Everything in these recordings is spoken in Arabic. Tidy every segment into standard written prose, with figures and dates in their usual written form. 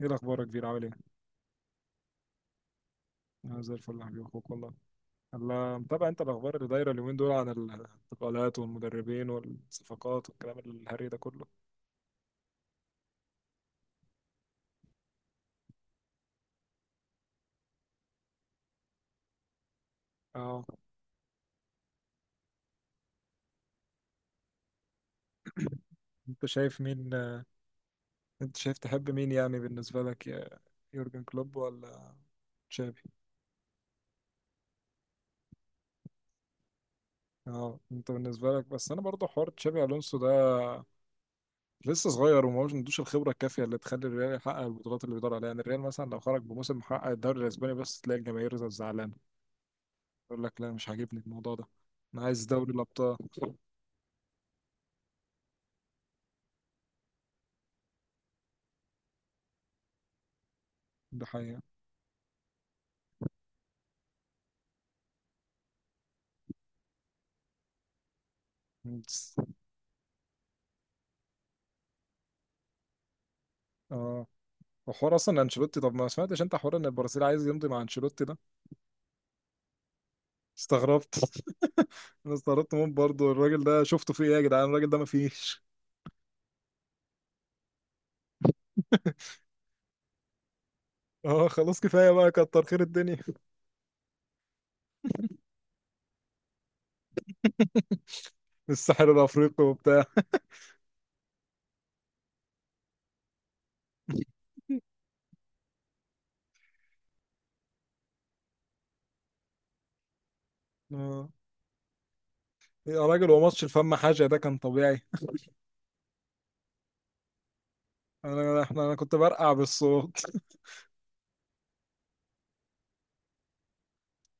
ايه الاخبار يا كبير؟ عامل ايه؟ انا زي الفل يا حبيبي، اخوك والله. الله، متابع انت الاخبار اللي دايره اليومين دول عن الانتقالات والمدربين والصفقات والكلام الهري ده كله؟ اه، انت شايف مين؟ انت شايف تحب مين يعني بالنسبه لك، يا يورجن كلوب ولا تشابي؟ اه، انت بالنسبه لك، بس انا برضه حوار تشابي الونسو ده لسه صغير وما عندوش الخبره الكافيه اللي تخلي الريال يحقق البطولات اللي بيدور عليها. يعني الريال مثلا لو خرج بموسم محقق الدوري الاسباني بس، تلاقي الجماهير زعلانه يقول لك لا، مش عاجبني الموضوع ده، انا عايز دوري الابطال. ده حقيقة. بس- اه، وحوار اصلا انشيلوتي، طب ما سمعتش انت حوار ان البرازيل عايز يمضي مع انشيلوتي ده؟ استغربت انا استغربت موت برضه. الراجل ده شفته في ايه يا جدعان؟ الراجل ده ما فيش اه خلاص، كفايه بقى، كتر خير الدنيا الساحل الافريقي وبتاع اه. يا راجل، هو ماتش الفم حاجه ده كان طبيعي. انا احنا انا كنت برقع بالصوت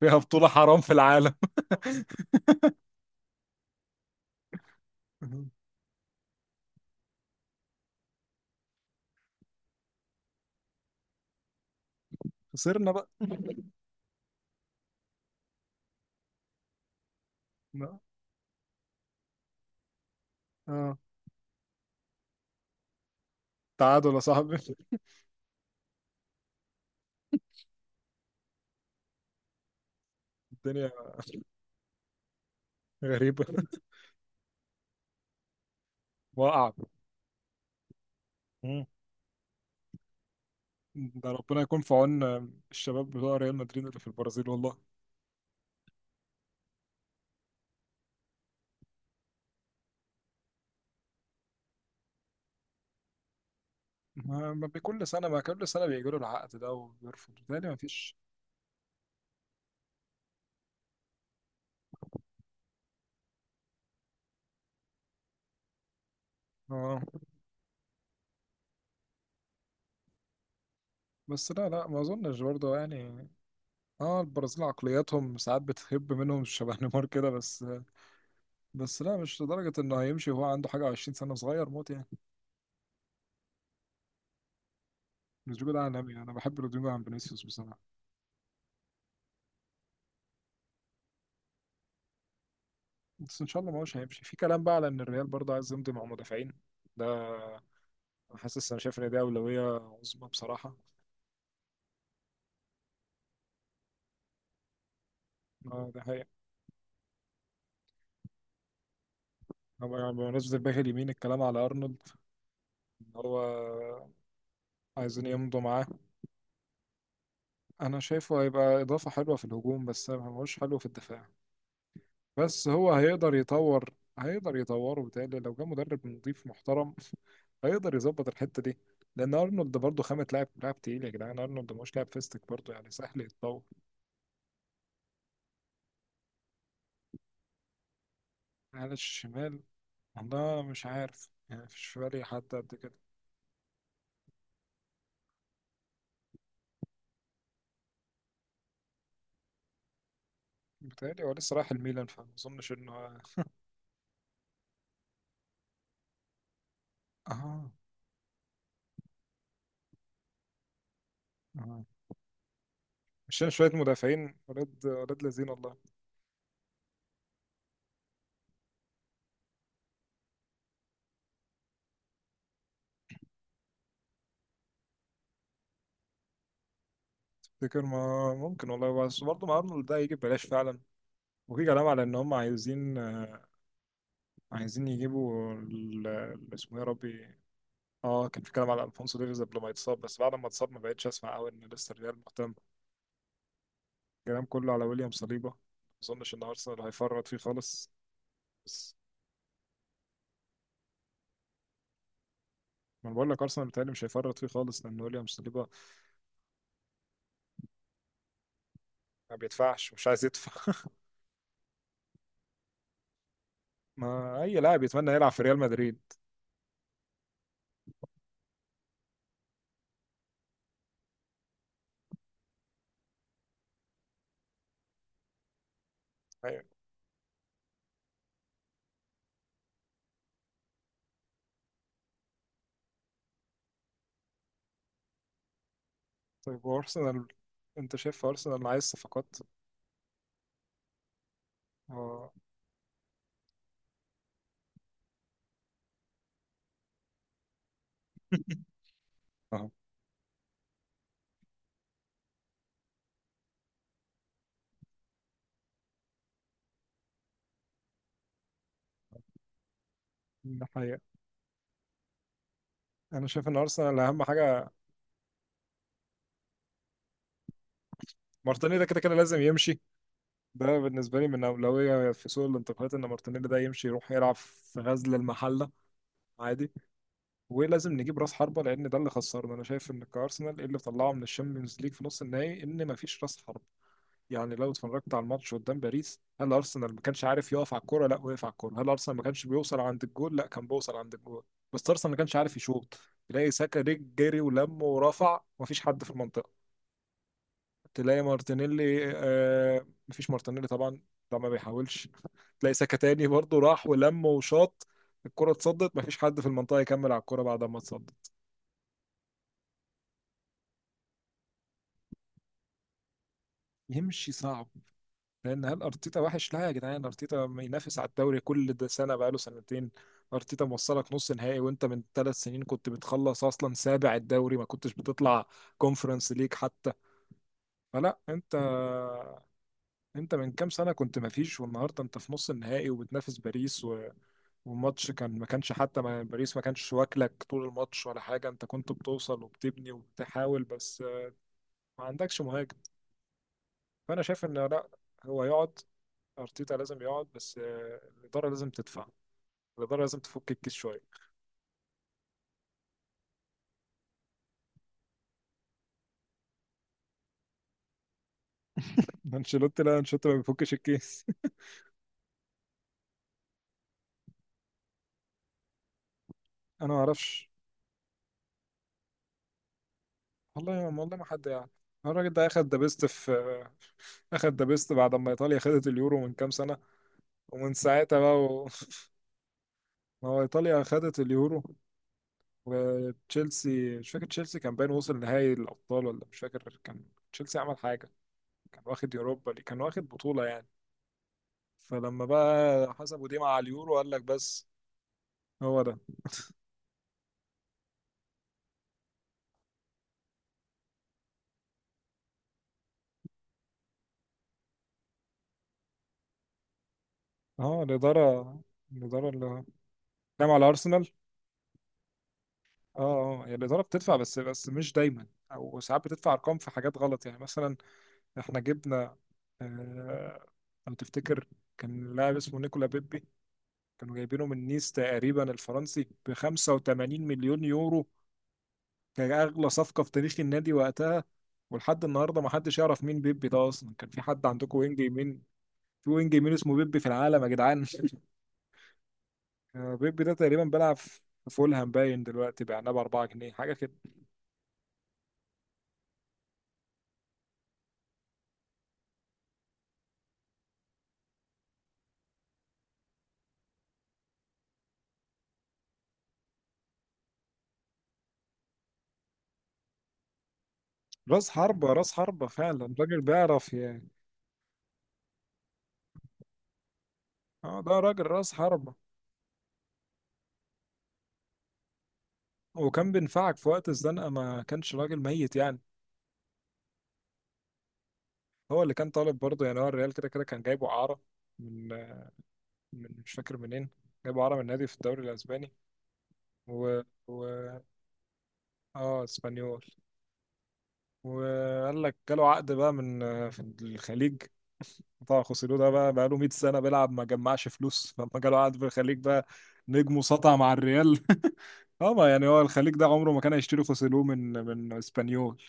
فيها بطوله حرام في العالم خسرنا بقى. لا. اه، تعادل يا صاحبي الدنيا. غريبه وقع. ده ربنا يكون في عون الشباب بتوع ريال مدريد اللي في البرازيل والله. ما ما بكل سنة ما كل سنة بيجيله العقد ده وبيرفض، بالتالي ما فيش. اه بس، لا لا، ما اظنش برضه يعني. اه، البرازيل عقلياتهم ساعات بتهب منهم شبه نيمار كده، بس. بس لا، مش لدرجة انه هيمشي وهو عنده حاجة 20 سنة، صغير موت يعني. رودريجو ده عالمي، انا بحب رودريجو عن فينيسيوس بصراحة. بس ان شاء الله ما هوش هيمشي. في كلام بقى على ان الريال برضه عايز يمضي مع مدافعين ده. حاسس، انا شايف ان دي أولوية عظمى بصراحة. اه ده حقيقة. طبعا يعني بمناسبة الباك اليمين، الكلام على أرنولد إن هو عايزين يمضوا معاه. أنا شايفه هيبقى إضافة حلوة في الهجوم، بس مش حلو في الدفاع. بس هو هيقدر يطور، هيقدر يطوره. بتهيألي لو جه مدرب نظيف محترم هيقدر يظبط الحتة دي. لأن أرنولد برضه خامة لاعب، لاعب تقيل يا جدعان، أرنولد مش لاعب فيستك برضه، يعني سهل يتطور. على الشمال، والله مش عارف يعني، مفيش في بالي حد قد كده. بتهيألي هو لسه رايح الميلان، فما أظنش إنه. آه آه، عشان شوية مدافعين، ولاد ولاد لذين والله. تفتكر؟ ما ممكن والله، بس برضه مع أرنولد ده هيجي ببلاش فعلا. وفي كلام على إن هم عايزين، عايزين يجيبوا اسمه إيه يا ربي؟ اه كان في كلام على ألفونسو ديفيز قبل ما يتصاب، بس بعد ما اتصاب ما بقتش أسمع أوي إن لسه الريال مهتم. الكلام كله على ويليام صليبة. ما أظنش إن أرسنال هيفرط فيه خالص. بس ما أنا بقول لك أرسنال بيتهيألي مش هيفرط فيه خالص، لأن ويليام صليبة. ما بيدفعش، مش عايز يدفع. ما أي لاعب يتمنى يلعب في ريال مدريد. طيب وارسنال، انت شايف ارسنال عايز صفقات؟ اه، اه. الحقيقة انا شايف ان ارسنال اهم حاجة. مارتينيلي ده كده كده لازم يمشي، ده بالنسبة لي من اولوية في سوق الانتقالات، ان مارتينيلي ده يمشي، يروح يلعب في غزل المحلة عادي. ولازم نجيب راس حربة، لان ده اللي خسرنا. انا شايف ان كارسنال إيه اللي طلعه من الشامبيونز ليج في نص النهائي؟ ان مفيش راس حربة. يعني لو اتفرجت على الماتش قدام باريس، هل ارسنال ما كانش عارف يقف على الكوره؟ لا، وقف على الكوره. هل ارسنال ما كانش بيوصل عند الجول؟ لا، كان بيوصل عند الجول. بس ارسنال ما كانش عارف يشوط. تلاقي ساكا جري ولم ورفع ومفيش حد في المنطقه. تلاقي مارتينيلي، آه مفيش مارتينيلي طبعا، ده ما بيحاولش. تلاقي ساكا تاني برضه راح ولم وشاط، الكره اتصدت، مفيش حد في المنطقه يكمل على الكوره بعد ما اتصدت. يمشي صعب، لان هل ارتيتا وحش؟ لا يا جدعان، ارتيتا ما ينافس على الدوري؟ كل ده سنه، بقاله سنتين. ارتيتا موصلك نص نهائي، وانت من 3 سنين كنت بتخلص اصلا سابع الدوري، ما كنتش بتطلع كونفرنس ليج حتى. فلا، انت، انت من كام سنه كنت ما فيش، والنهارده انت في نص النهائي وبتنافس باريس. و... والماتش كان، ما كانش حتى، ما يعني، باريس ما كانش واكلك طول الماتش ولا حاجه، انت كنت بتوصل وبتبني وبتحاول، بس ما عندكش مهاجم. فانا شايف ان لا، هو يقعد، ارتيتا لازم يقعد، بس الاداره لازم تدفع، الإدارة لازم تفك الكيس شوية. أنشيلوتي لا، أنشيلوتي ما بيفكش الكيس. أنا ما أعرفش والله، والله ما حد يعني. الراجل ده أخد ذا بيست في أخد ذا بيست بعد ما إيطاليا خدت اليورو من كام سنة، ومن ساعتها بقى ما هو إيطاليا خدت اليورو، وتشيلسي مش فاكر، تشيلسي كان باين وصل نهائي الأبطال ولا مش فاكر، كان تشيلسي عمل حاجة، كان واخد كان واخد بطولة يعني. فلما بقى حسبوا دي مع اليورو، قال لك بس هو ده. اه، الإدارة، الإدارة اللي كام على أرسنال؟ اه، اه يعني الإدارة بتدفع، بس بس مش دايما، أو ساعات بتدفع أرقام في حاجات غلط. يعني مثلا إحنا جبنا، آه، لو تفتكر، كان لاعب اسمه نيكولا بيبي، كانوا جايبينه من نيس تقريبا، الفرنسي، ب 85 مليون يورو. كان أغلى صفقة في تاريخ النادي وقتها. ولحد النهاردة ما حدش يعرف مين بيبي ده أصلا. كان في حد عندكم وينج يمين؟ في وينج يمين اسمه بيبي في العالم يا جدعان؟ بيبي ده تقريبا بيلعب في فولهام باين دلوقتي، بعناه ب 4 جنيه حاجة. راس حربة، راس حربة فعلا، راجل بيعرف يعني. اه ده راجل راس حربة، وكان بينفعك في وقت الزنقة، ما كانش راجل ميت يعني. هو اللي كان طالب برضه يعني، هو الريال كده كده كان جايبه إعارة من، مش فاكر منين، جايبه إعارة من نادي في الدوري الأسباني، و, و... اه اسبانيول. وقال لك جاله عقد بقى من، في الخليج. طبعا خوسيلو ده بقى له 100 سنة بيلعب، ما جمعش فلوس، فلما جاله عقد في الخليج بقى نجم وسطع مع الريال اه، ما يعني هو الخليج ده عمره ما كان هيشتري خوسيلو من، من اسبانيول.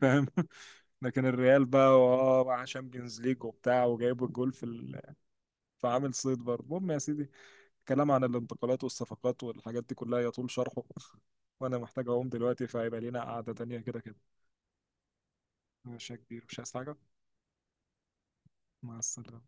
فاهم لكن الريال بقى اه مع شامبيونز ليج وبتاع وجايب الجول فعامل صيد برضه. المهم يا سيدي، كلام عن الانتقالات والصفقات والحاجات دي كلها يطول شرحه وانا محتاج اقوم دلوقتي، فهيبقى لينا قعدة تانية. كده كده ماشي يا كبير، مش عايز حاجة؟ مع السلامة.